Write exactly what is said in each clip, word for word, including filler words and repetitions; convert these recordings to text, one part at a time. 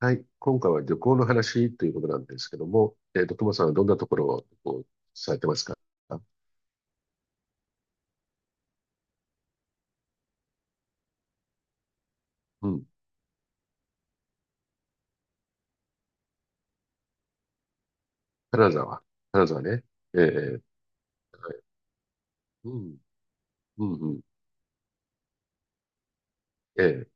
はい。今回は旅行の話ということなんですけども、えっと、トモさんはどんなところをこうされてますか？うん。金沢。金沢ね。ええ、ええ、はい。うん。うん、うん。ええ。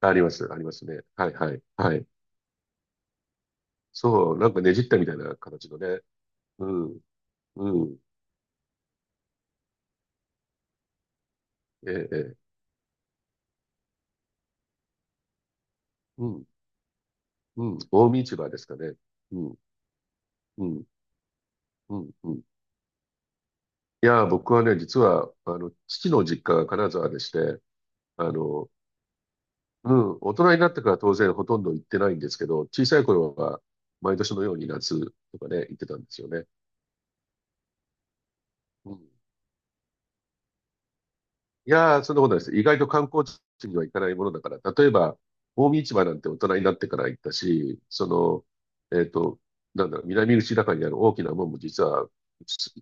あります。ありますね。はい、はい。はい。そう、なんかねじったみたいな形のね。うん。うん。ええ、ええ。うん。うん。近江市場ですかね。うん。うん。うん。うん。いやー、僕はね、実は、あの、父の実家が金沢でして、あの、うん、大人になってから当然ほとんど行ってないんですけど、小さい頃は毎年のように夏とかね、行ってたんですよね。うん、いやー、そんなことないです。意外と観光地には行かないものだから、例えば、近江市場なんて大人になってから行ったし、その、えっと、なんだろう、南口中にある大きな門も実は、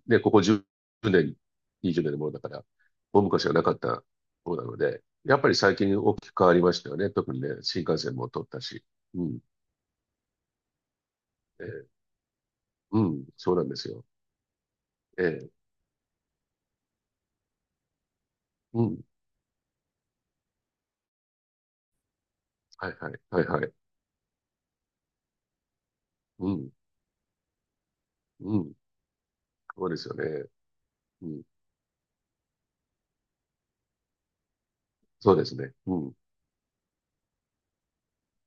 ね、ここじゅうねん、にじゅうねんのものだから、大昔はなかったものなので、やっぱり最近大きく変わりましたよね。特にね、新幹線も通ったし。うん、えーうん、そうなんですよ。ええ、うん。はいはい、はいはい。うん、うん。そうですよね。うん。そうですね。うん、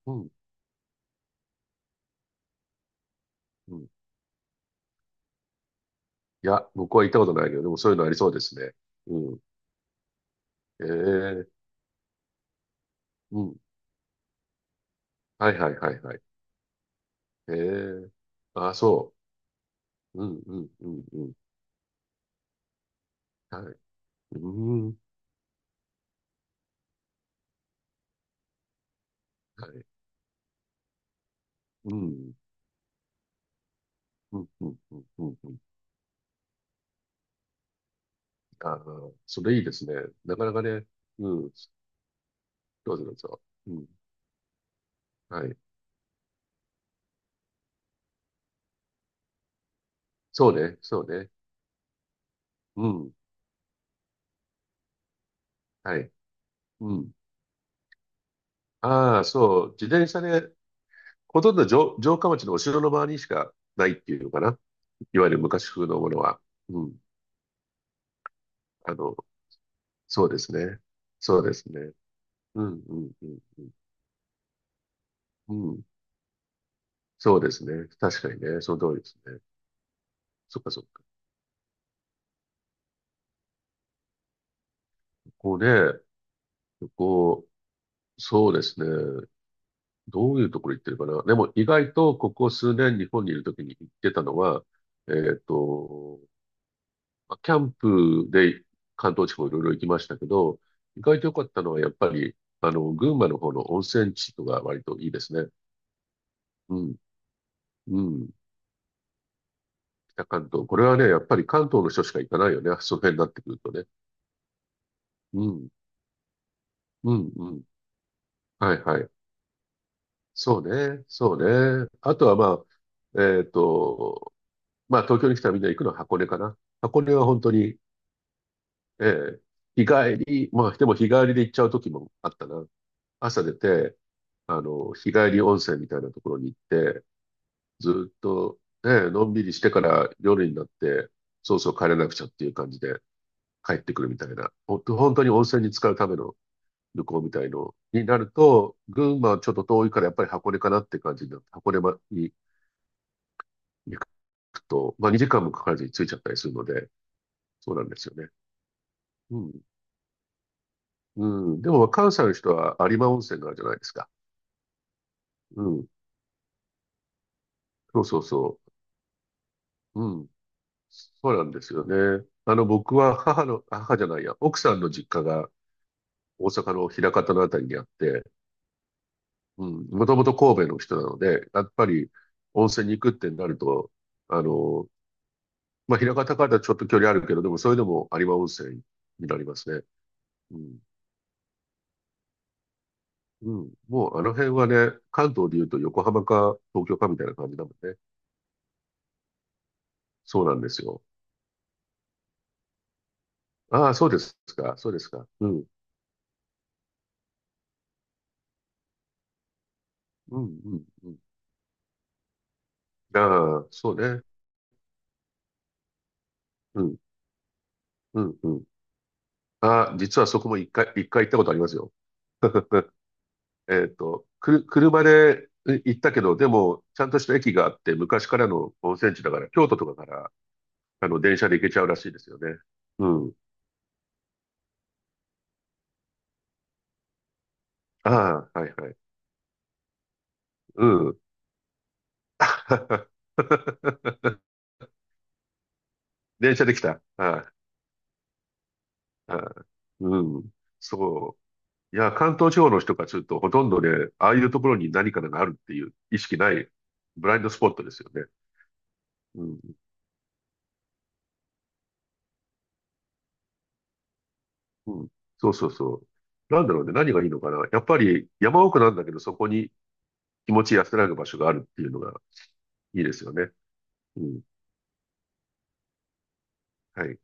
うん、うん。いや、僕は行ったことないけど、でもそういうのありそうですね。うん。ええ、うん。はいはいはいはい。ええ。あ、そう。うん、うん、うん、うん。はい。うん、はい。うん、うん、うん、うん、うん。うん、ああ、それいいですね。なかなかね。うん。どうぞどうぞ。うん。はい。そうね、そうね。うん。はい。うん。ああ、そう。自転車でほとんど城、城下町のお城の周りにしかないっていうのかな。いわゆる昔風のものは。うん。あの、そうですね。そうですね。うん、うん、うん、うん。うん、そうですね。確かにね。その通りですね。そっかそっか。こうね、こ行、そうですね。どういうところ行ってるかな。でも意外とここ数年日本にいるときに行ってたのは、えっと、まあキャンプで関東地方いろいろ行きましたけど、意外と良かったのはやっぱり、あの、群馬の方の温泉地とか割といいですね。うん、うん、北関東。これはね、やっぱり関東の人しか行かないよね。その辺になってくるとね。うん、うん、うん。はい、はい。そうね、そうね。あとはまあ、えっと、まあ東京に来たらみんな行くのは箱根かな。箱根は本当に、ええ、日帰り、まあでも日帰りで行っちゃう時もあったな。朝出て、あの、日帰り温泉みたいなところに行って、ずっとね、のんびりしてから夜になって、そうそう、帰れなくちゃっていう感じで帰ってくるみたいな、ほんと本当に温泉に浸かるための旅行みたいのになると、群馬はちょっと遠いからやっぱり箱根かなって感じになって、箱根まに行くと、まあにじかんもかからずに着いちゃったりするので、そうなんですよね。うん。うん。でも関西の人は有馬温泉があるじゃないですか。うん。そうそうそう。うん。そうなんですよね。あの、僕は母の、あ、母じゃないや、奥さんの実家が大阪の枚方のあたりにあって、うん、もともと神戸の人なので、やっぱり温泉に行くってなると、あの、まあ、枚方からちょっと距離あるけど、でもそれでも有馬温泉になりますね。うん。うん。もうあの辺はね、関東で言うと横浜か東京かみたいな感じだもんね。そうなんですよ。ああ、そうですか。そうですか。うん。うん、うん、うん。ああ、そうね。うん、うん、うん。あ、実はそこも一回、一回行ったことありますよ。えっと、くる、車で行ったけど、でも、ちゃんとした駅があって、昔からの温泉地だから、京都とかから、あの、電車で行けちゃうらしいですよね。うん。ああ、はいはい。うん。電車で来た。はい。はい。うん。そう。いや、関東地方の人からすると、ほとんどね、ああいうところに何かがあるっていう意識ない、ブラインドスポットですよね。うん。うん。そうそうそう。なんだろうね。何がいいのかな。やっぱり山奥なんだけど、そこに気持ち安らぐ場所があるっていうのがいいですよね。うん。はい。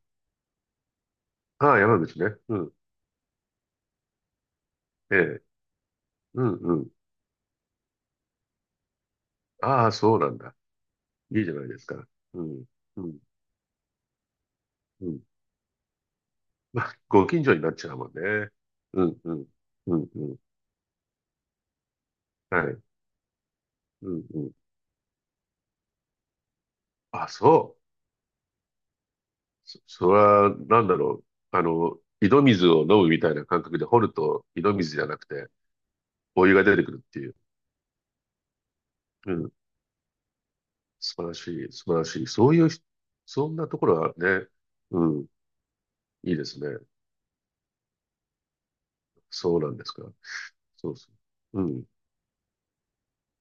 ああ、山口ね。うん。ええ。うんうん。ああ、そうなんだ。いいじゃないですか。うん。うん。うん。まあ、ご近所になっちゃうもんね。うんうん。うんうん。はい。うんうん。あ、そう。そ、それは、なんだろう。あの、井戸水を飲むみたいな感覚で掘ると、井戸水じゃなくて、お湯が出てくるっていう。うん、素晴らしい、素晴らしい。そういうひ、そんなところはね、うん、いいですね。そうなんですか。そうそう。うん、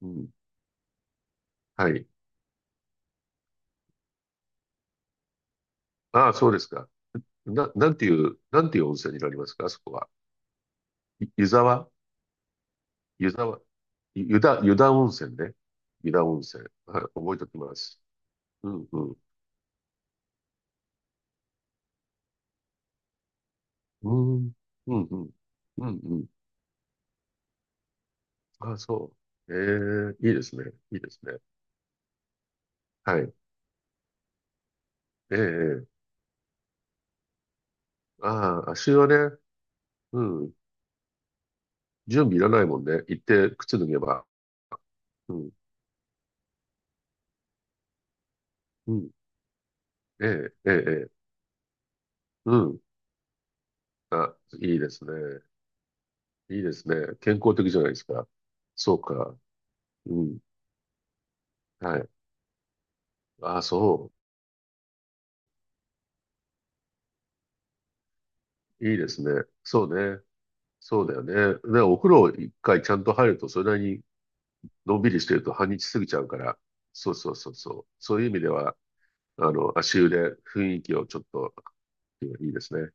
うん。はい。ああ、そうですか。な、なんていう、なんていう温泉になりますか、そこは。い湯沢湯沢ゆ湯田、湯田温泉ね。湯田温泉。はい、覚えておきます。うん、うん。うん、うん、うん。うん、うん。ああ、そう。ええ、いいですね。いいですね。はい。ええええ、ああ、足湯はね、うん、準備いらないもんね。行って靴脱げば。うん。うん。ええ、ええ、ええ。うん。あ、いいですね。いいですね。健康的じゃないですか。そうか。うん。はい。あ、そう。いいですね。そうね。そうだよね。で、お風呂一回ちゃんと入ると、それなりにのんびりしてると半日過ぎちゃうから。そうそうそうそう。そういう意味では、あの、足湯で雰囲気をちょっと、いいですね。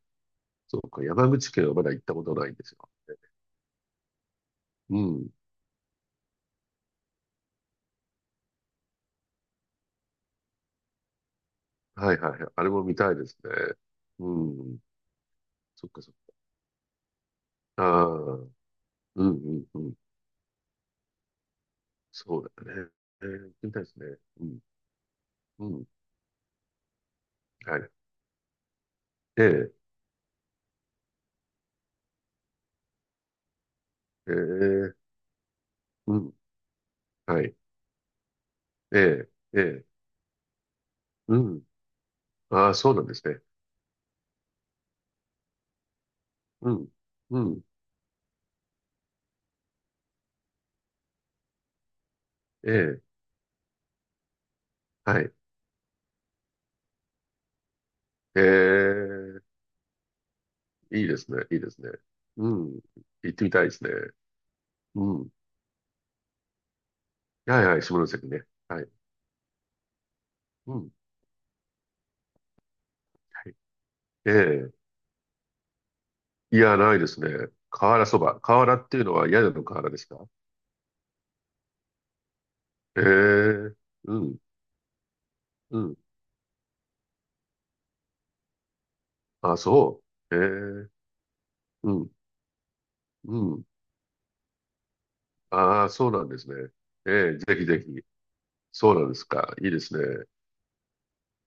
そうか。山口県はまだ行ったことないんですよ。うん。はいはいはい。あれも見たいですね。うん。そっかそっか。ああ、うんうんうん。そうだね。えー、見たいですね。うん。うん。はい。ええ、ええ、うん。はい。ええ、ええ、うん。ああ、そうなんですね。うん。うん。ええ、はい。ええ、いいですね。いいですね。うん。行ってみたいですね。うん。はいはい、下関ね。はい。うん。はい。ええ、いや、ないですね。瓦そば。瓦っていうのは屋根の瓦ですか？ええ、うん、うん。あ、そう。ええ、うん、うん。ああ、そうなんですね。ええ、ぜひぜひ。そうなんですか。いいですね。